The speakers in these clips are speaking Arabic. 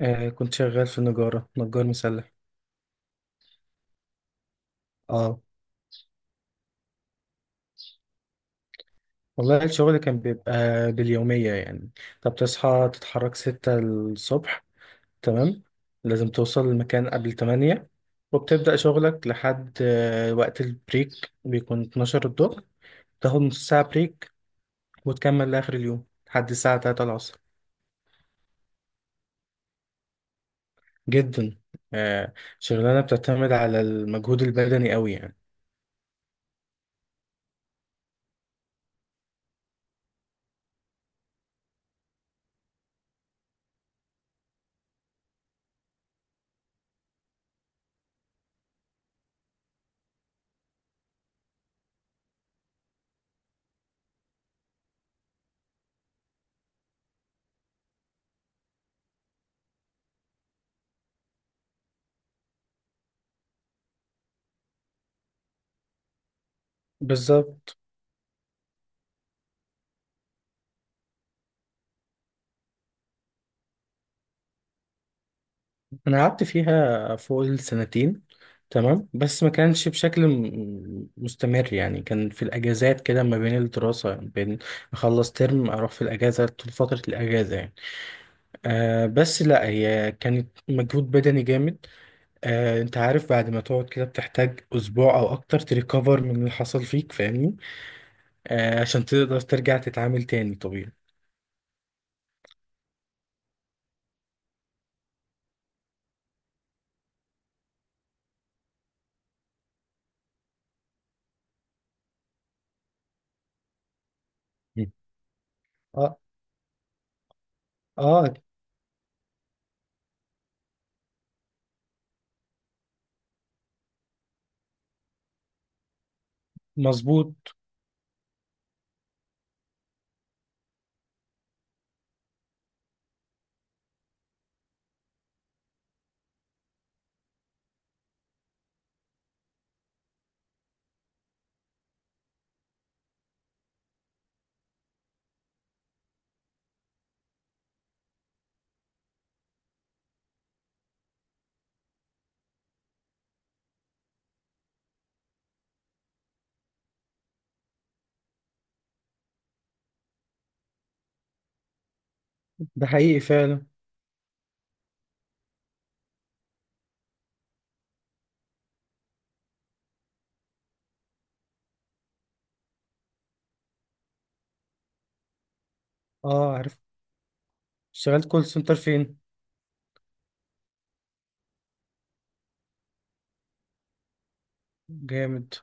كنت شغال في النجارة، نجار مسلح. اه والله الشغل كان بيبقى باليومية يعني. طب، تصحى تتحرك 6 الصبح، تمام، لازم توصل المكان قبل 8 وبتبدأ شغلك لحد وقت البريك، بيكون 12 الظهر. تاخد نص ساعة بريك وتكمل لآخر اليوم لحد الساعة 3 العصر. جدا. آه شغلانة بتعتمد على المجهود البدني قوي يعني. بالظبط. انا قعدت فيها فوق السنتين، تمام، بس ما كانش بشكل مستمر يعني. كان في الاجازات كده، ما بين الدراسه، بين اخلص ترم اروح في الاجازه طول فتره الاجازه يعني. بس لا، هي كانت مجهود بدني جامد. انت عارف، بعد ما تقعد كده بتحتاج اسبوع او اكتر تريكفر من اللي حصل فيك، فاهمني؟ عشان تقدر ترجع تتعامل تاني طبيعي. مم. اه، اه. مظبوط. ده حقيقي فعلا. اه، عارف. اشتغلت كول سنتر فين؟ جامد.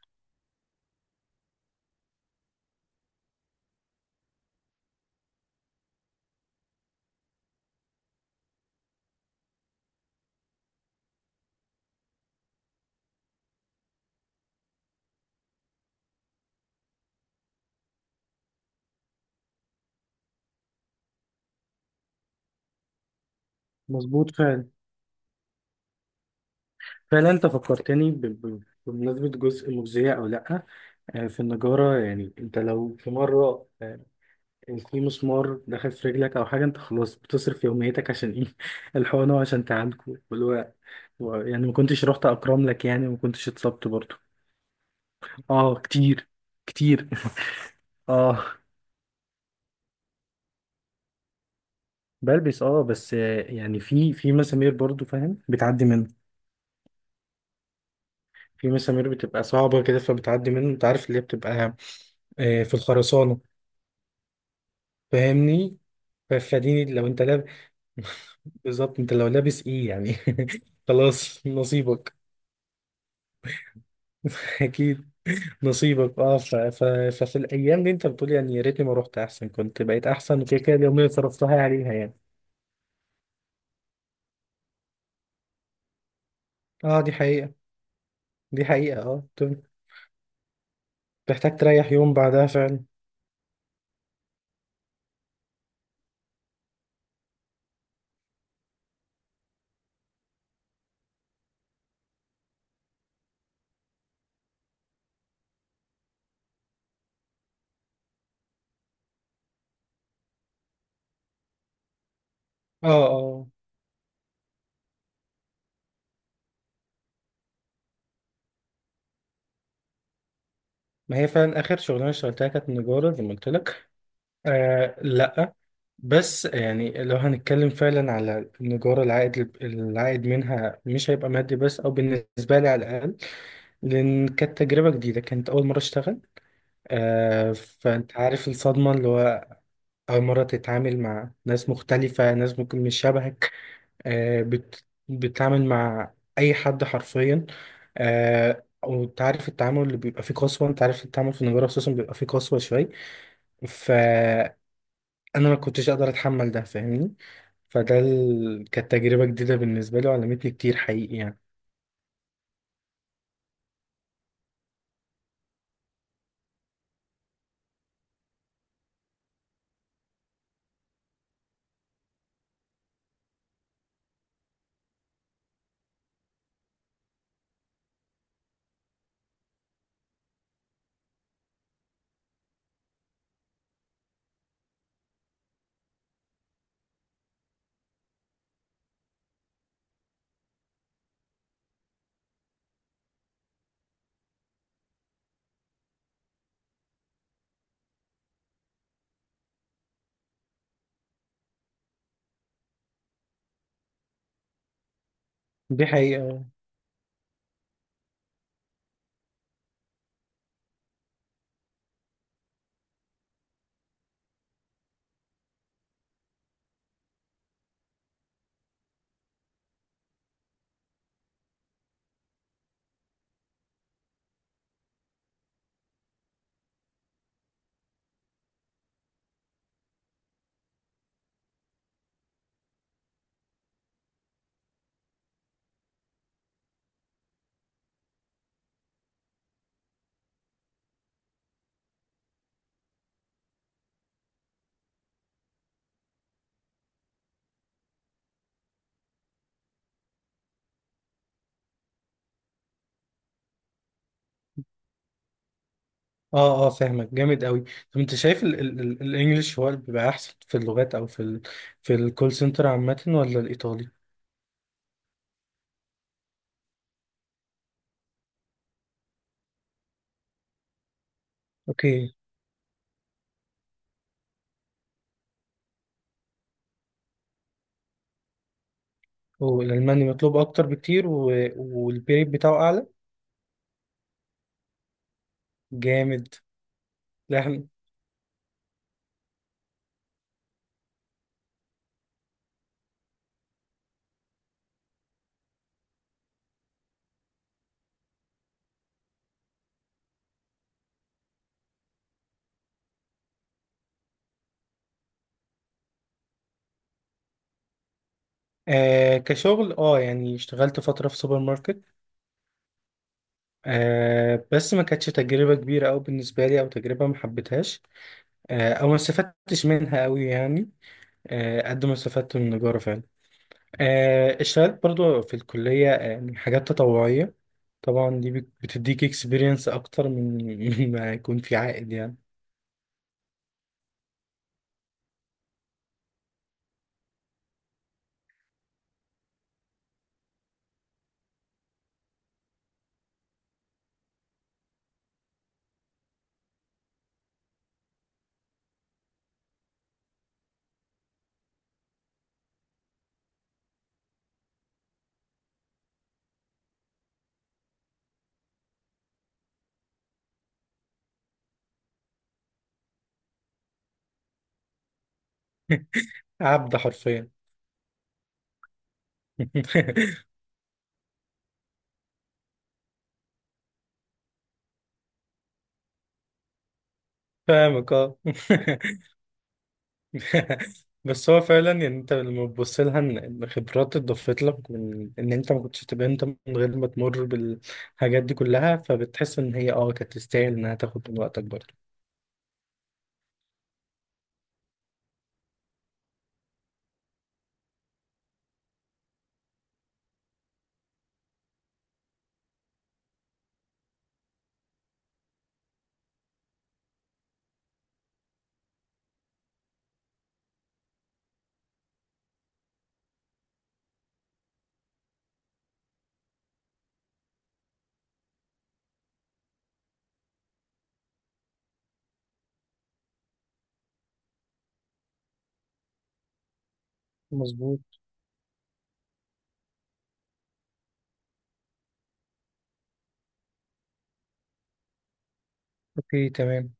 مظبوط فعلا. فعلا انت فكرتني بمناسبة جزء مجزية او لا. في النجارة يعني، انت لو في مرة، في مسمار دخل في رجلك او حاجة، انت خلاص بتصرف يوميتك عشان ايه الحقنة وعشان تعالجه واللي هو يعني ما كنتش رحت اكرم لك يعني، وما كنتش اتصبت برضو. اه، كتير. كتير. اه. بلبس، اه، بس يعني في مسامير برضو، فاهم، بتعدي منه. في مسامير بتبقى صعبة كده، فبتعدي منه، انت عارف اللي هي بتبقى في الخرسانة. فاهمني. فدي لو انت لاب. بالظبط، انت لو لابس ايه يعني. خلاص، نصيبك. اكيد. نصيبك. ففي الايام دي انت بتقول يعني يا ريتني ما رحت، احسن كنت بقيت احسن. وكده كده اليومين اللي صرفتها عليها يعني. اه، دي حقيقة. دي حقيقة. محتاج تريح يوم بعدها فعلا. اه، اه. ما هي فعلا اخر شغلانة اشتغلتها كانت نجارة زي ما قلت لك. آه، لا. بس يعني، لو هنتكلم فعلا على النجارة، العائد منها مش هيبقى مادي بس، أو بالنسبة لي على الأقل. لأن كانت تجربة جديدة، كانت أول مرة أشتغل. فأنت عارف الصدمة اللي هو أول مرة تتعامل مع ناس مختلفة، ناس ممكن مش شبهك. آه بت بتتعامل مع أي حد حرفيا. وانت عارف التعامل اللي بيبقى فيه قسوة. انت عارف التعامل في النجارة خصوصا بيبقى فيه قسوة شوية. انا ما كنتش اقدر اتحمل ده، فاهمني؟ كانت تجربة جديدة بالنسبة لي، وعلمتني كتير حقيقي يعني. دي حقيقة. اه، اه، فاهمك جامد قوي. طب انت شايف الانجليش هو اللي بيبقى احسن في اللغات، او في الكول سنتر عامة، ولا الايطالي؟ اوكي. والالماني مطلوب اكتر بكتير والبيت بتاعه اعلى. جامد. لحن. كشغل، اه، يعني اشتغلت فترة في سوبر ماركت. بس ما كانتش تجربة كبيرة أوي بالنسبة لي، أو تجربة ما حبيتهاش. او ما استفدتش منها قوي يعني. قد ما استفدت من النجارة فعلا. اشتغلت برضو في الكلية. يعني حاجات تطوعية. طبعا دي بتديك اكسبيرينس اكتر من من ما يكون في عائد يعني. عبد حرفيا. فاهمك، اه. بس هو فعلا، يعني انت لما تبص لها إن خبرات اتضافت لك، من ان انت ما كنتش تبقى انت من غير ما تمر بالحاجات دي كلها، فبتحس ان هي كانت تستاهل انها تاخد من وقتك برضه. مظبوط. اوكي، تمام.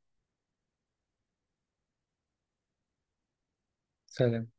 سلام.